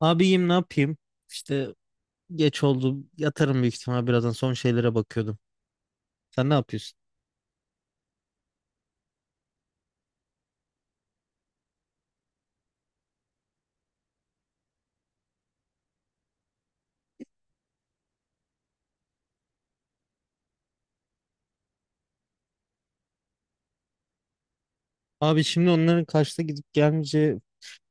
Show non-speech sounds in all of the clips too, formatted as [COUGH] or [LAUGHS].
Abiyim ne yapayım? İşte geç oldu. Yatarım büyük ihtimal birazdan son şeylere bakıyordum. Sen ne yapıyorsun? Abi şimdi onların kaçta gidip gelmeyeceği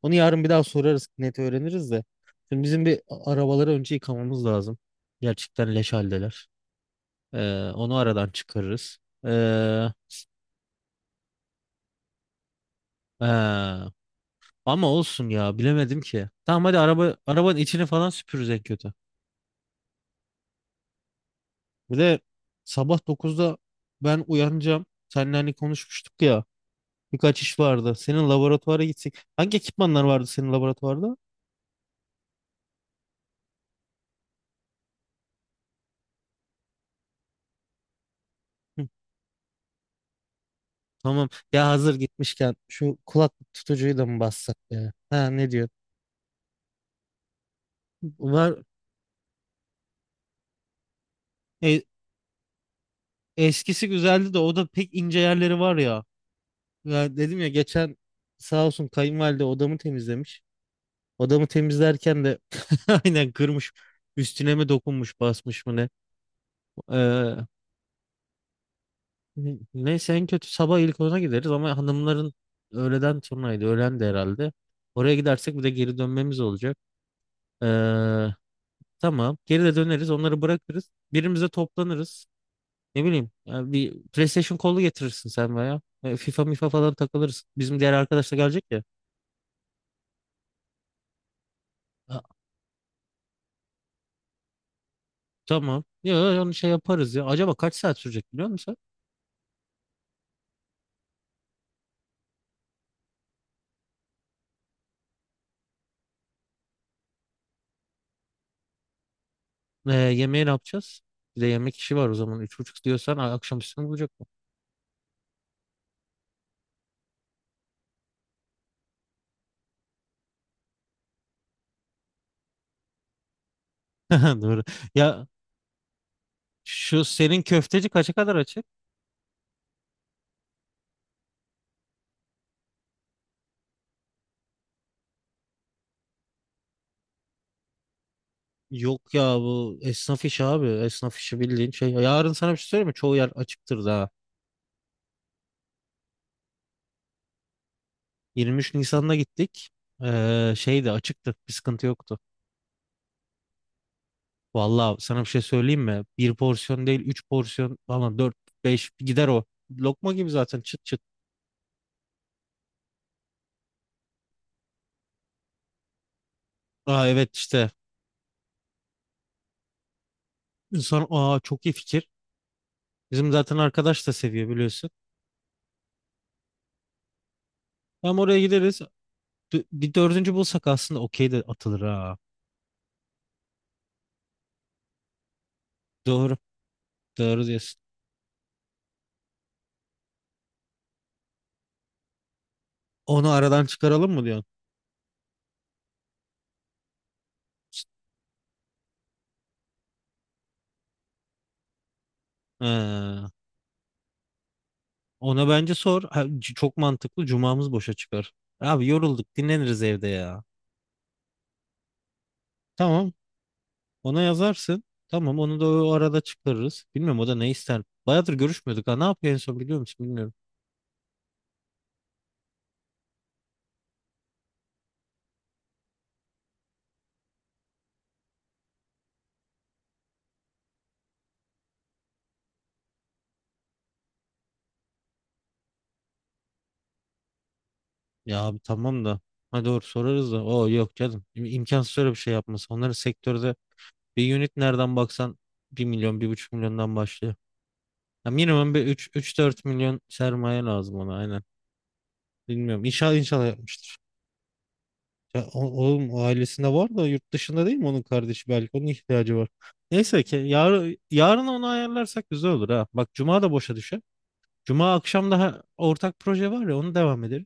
onu yarın bir daha sorarız net öğreniriz de. Şimdi bizim bir arabaları önce yıkamamız lazım. Gerçekten leş haldeler. Onu aradan çıkarırız. Ee, ee, Ama olsun ya bilemedim ki. Tamam hadi arabanın içini falan süpürürüz en kötü. Bir de sabah 9'da ben uyanacağım. Seninle hani konuşmuştuk ya. Birkaç iş vardı. Senin laboratuvara gitsek. Hangi ekipmanlar vardı senin laboratuvarda? Hı, tamam. Ya hazır gitmişken şu kulaklık tutucuyu da mı bassak ya? Ha ne diyor? Var. E, Eskisi güzeldi de o da pek ince yerleri var ya. Ya dedim ya geçen sağ olsun kayınvalide odamı temizlemiş. Odamı temizlerken de [LAUGHS] aynen kırmış. Üstüne mi dokunmuş basmış mı ne? Ee, Neyse en kötü sabah ilk ona gideriz ama hanımların öğleden sonraydı. Öğlen de herhalde. Oraya gidersek bir de geri dönmemiz olacak. Ee, tamam. Geri de döneriz. Onları bırakırız. Birimize toplanırız. Ne bileyim, ya bir PlayStation kolu getirirsin sen veya. FIFA mifa falan takılırız. Bizim diğer arkadaş da gelecek ya. Ha, tamam. Ya onu şey yaparız ya. Acaba kaç saat sürecek biliyor musun? Sen? Yemeği ne yapacağız? Bir de yemek işi var o zaman. Üç buçuk diyorsan akşam üstüne bulacak mı? [LAUGHS] Doğru. Ya şu senin köfteci kaça kadar açık? Yok ya bu esnaf işi abi. Esnaf işi bildiğin şey. Yarın sana bir şey söyleyeyim mi? Çoğu yer açıktır daha. 23 Nisan'da gittik. Şey de açıktı. Bir sıkıntı yoktu. Vallahi sana bir şey söyleyeyim mi? Bir porsiyon değil, üç porsiyon falan dört, beş gider o. Lokma gibi zaten çıt çıt. Aa evet işte. İnsan aa çok iyi fikir. Bizim zaten arkadaş da seviyor biliyorsun. Hem oraya gideriz. Bir dördüncü bulsak aslında okey de atılır ha. Doğru. Doğru diyorsun. Onu aradan çıkaralım mı diyorsun? Ee, Ona bence sor. Ha, çok mantıklı. Cumamız boşa çıkar. Abi yorulduk, dinleniriz evde ya. Tamam, ona yazarsın. Tamam, onu da o arada çıkarırız. Bilmiyorum o da ne ister. Bayağıdır görüşmüyorduk ha. Ne yapıyor en son biliyor musun? Bilmiyorum. Ya abi tamam da. Ha doğru sorarız da. Oo yok canım. İm- imkansız öyle bir şey yapması. Onların sektörde bir unit nereden baksan bir milyon, bir buçuk milyondan başlıyor. Ya minimum bir üç dört milyon sermaye lazım ona aynen. Bilmiyorum. İnşallah inşallah yapmıştır. Ya, oğlum o ailesinde var da yurt dışında değil mi onun kardeşi belki onun ihtiyacı var. Neyse ki yarın onu ayarlarsak güzel olur ha. Bak cuma da boşa düşer. Cuma akşam daha ortak proje var ya onu devam edelim.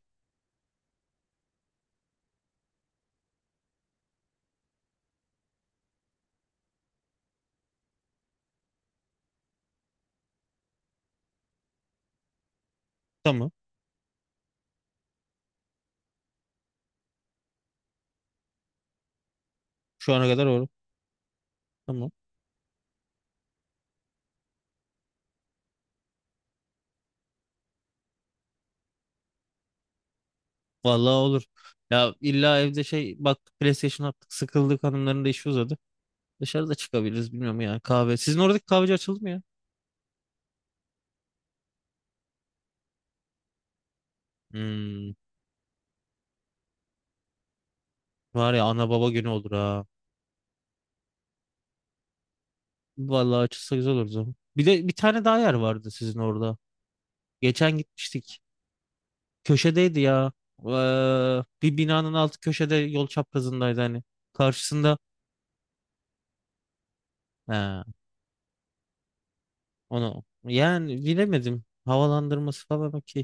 Tamam. Şu ana kadar olur. Tamam. Vallahi olur. Ya illa evde şey bak PlayStation attık sıkıldık hanımların da işi uzadı. Dışarıda çıkabiliriz bilmiyorum ya kahve. Sizin oradaki kahveci açıldı mı ya? Hmm, Var ya ana baba günü olur ha. Vallahi açılsa güzel olur o zaman. Bir de bir tane daha yer vardı sizin orada. Geçen gitmiştik. Köşedeydi ya. Bir binanın altı köşede yol çaprazındaydı hani. Karşısında he, onu yani bilemedim. Havalandırması falan okey.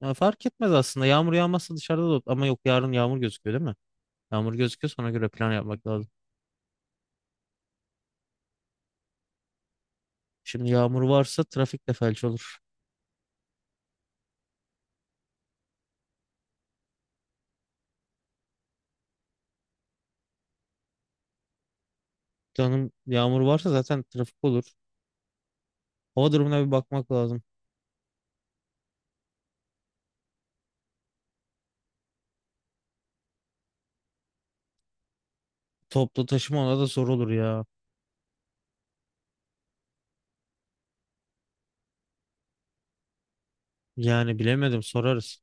Ya fark etmez aslında. Yağmur yağmazsa dışarıda da ama yok yarın yağmur gözüküyor değil mi? Yağmur gözüküyorsa ona göre plan yapmak lazım. Şimdi yağmur varsa trafik de felç olur. Canım yağmur varsa zaten trafik olur. Hava durumuna bir bakmak lazım. Toplu taşıma ona da zor olur ya. Yani bilemedim sorarız.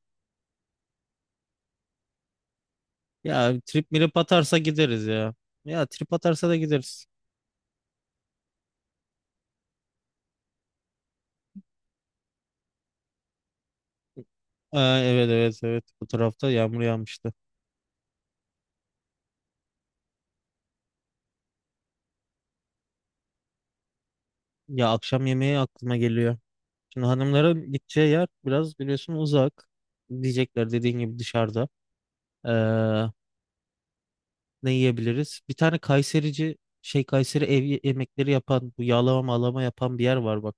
Ya trip mirip atarsa gideriz ya. Ya trip atarsa da gideriz. Aa, evet evet evet bu tarafta yağmur yağmıştı. Ya akşam yemeği aklıma geliyor. Şimdi hanımların gideceği yer biraz biliyorsun uzak. Diyecekler dediğin gibi dışarıda. Ee, Ne yiyebiliriz? Bir tane Kayseri ev yemekleri yapan bu yağlama mağlama yapan bir yer var bak.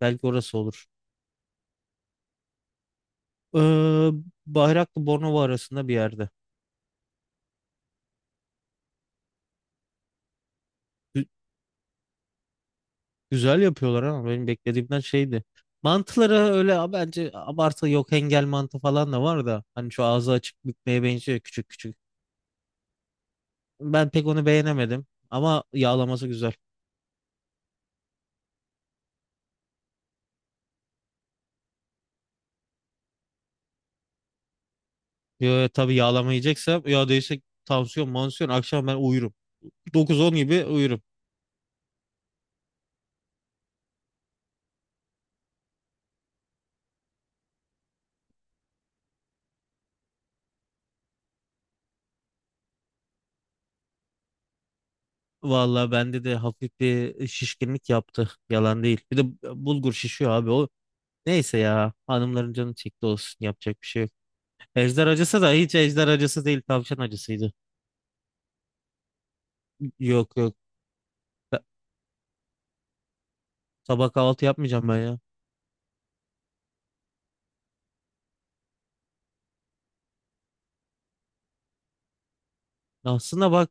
Belki orası olur. Ee, Bayraklı Bornova arasında bir yerde. Güzel yapıyorlar ama benim beklediğimden şeydi. Mantıları öyle bence abartı yok engel mantı falan da var da hani şu ağzı açık bükmeye benziyor küçük küçük. Ben pek onu beğenemedim ama yağlaması güzel. Ya, tabii yağlama yiyeceksem ya değilse tansiyon mansiyon akşam ben uyurum. Dokuz on gibi uyurum. Vallahi bende de hafif bir şişkinlik yaptı. Yalan değil. Bir de bulgur şişiyor abi o. Neyse ya hanımların canı çekti olsun yapacak bir şey yok. Ejder acısı da hiç ejder acısı değil tavşan acısıydı. Yok yok Ben- Sabah kahvaltı yapmayacağım ben ya. Aslında bak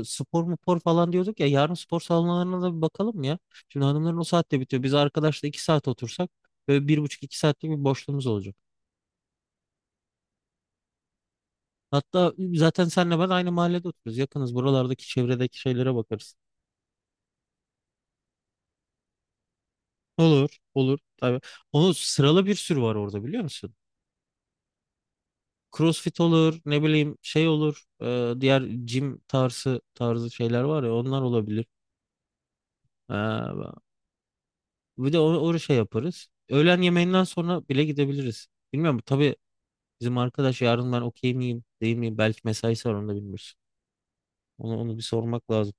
spor mupor falan diyorduk ya yarın spor salonlarına da bir bakalım ya. Şimdi hanımların o saatte bitiyor. Biz arkadaşla iki saat otursak böyle bir buçuk iki saatlik bir boşluğumuz olacak. Hatta zaten senle ben aynı mahallede oturuyoruz. Yakınız buralardaki çevredeki şeylere bakarız. Olur olur tabii. Onu sıralı bir sürü var orada biliyor musun? CrossFit olur ne bileyim şey olur. Diğer gym tarzı tarzı şeyler var ya onlar olabilir. Ha, bir de o şey yaparız. Öğlen yemeğinden sonra bile gidebiliriz. Bilmiyorum tabii bizim arkadaş yarın ben okey miyim değil miyim? Belki mesaisi var onu da bilmiyoruz. Onu bir sormak lazım.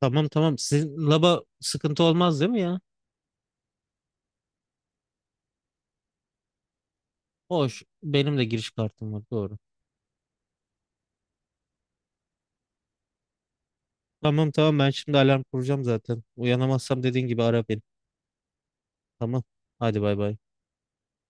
Tamam tamam sizin laba sıkıntı olmaz değil mi ya? Hoş benim de giriş kartım var doğru. Tamam tamam ben şimdi alarm kuracağım zaten. Uyanamazsam dediğin gibi ara beni. Tamam hadi bay bay.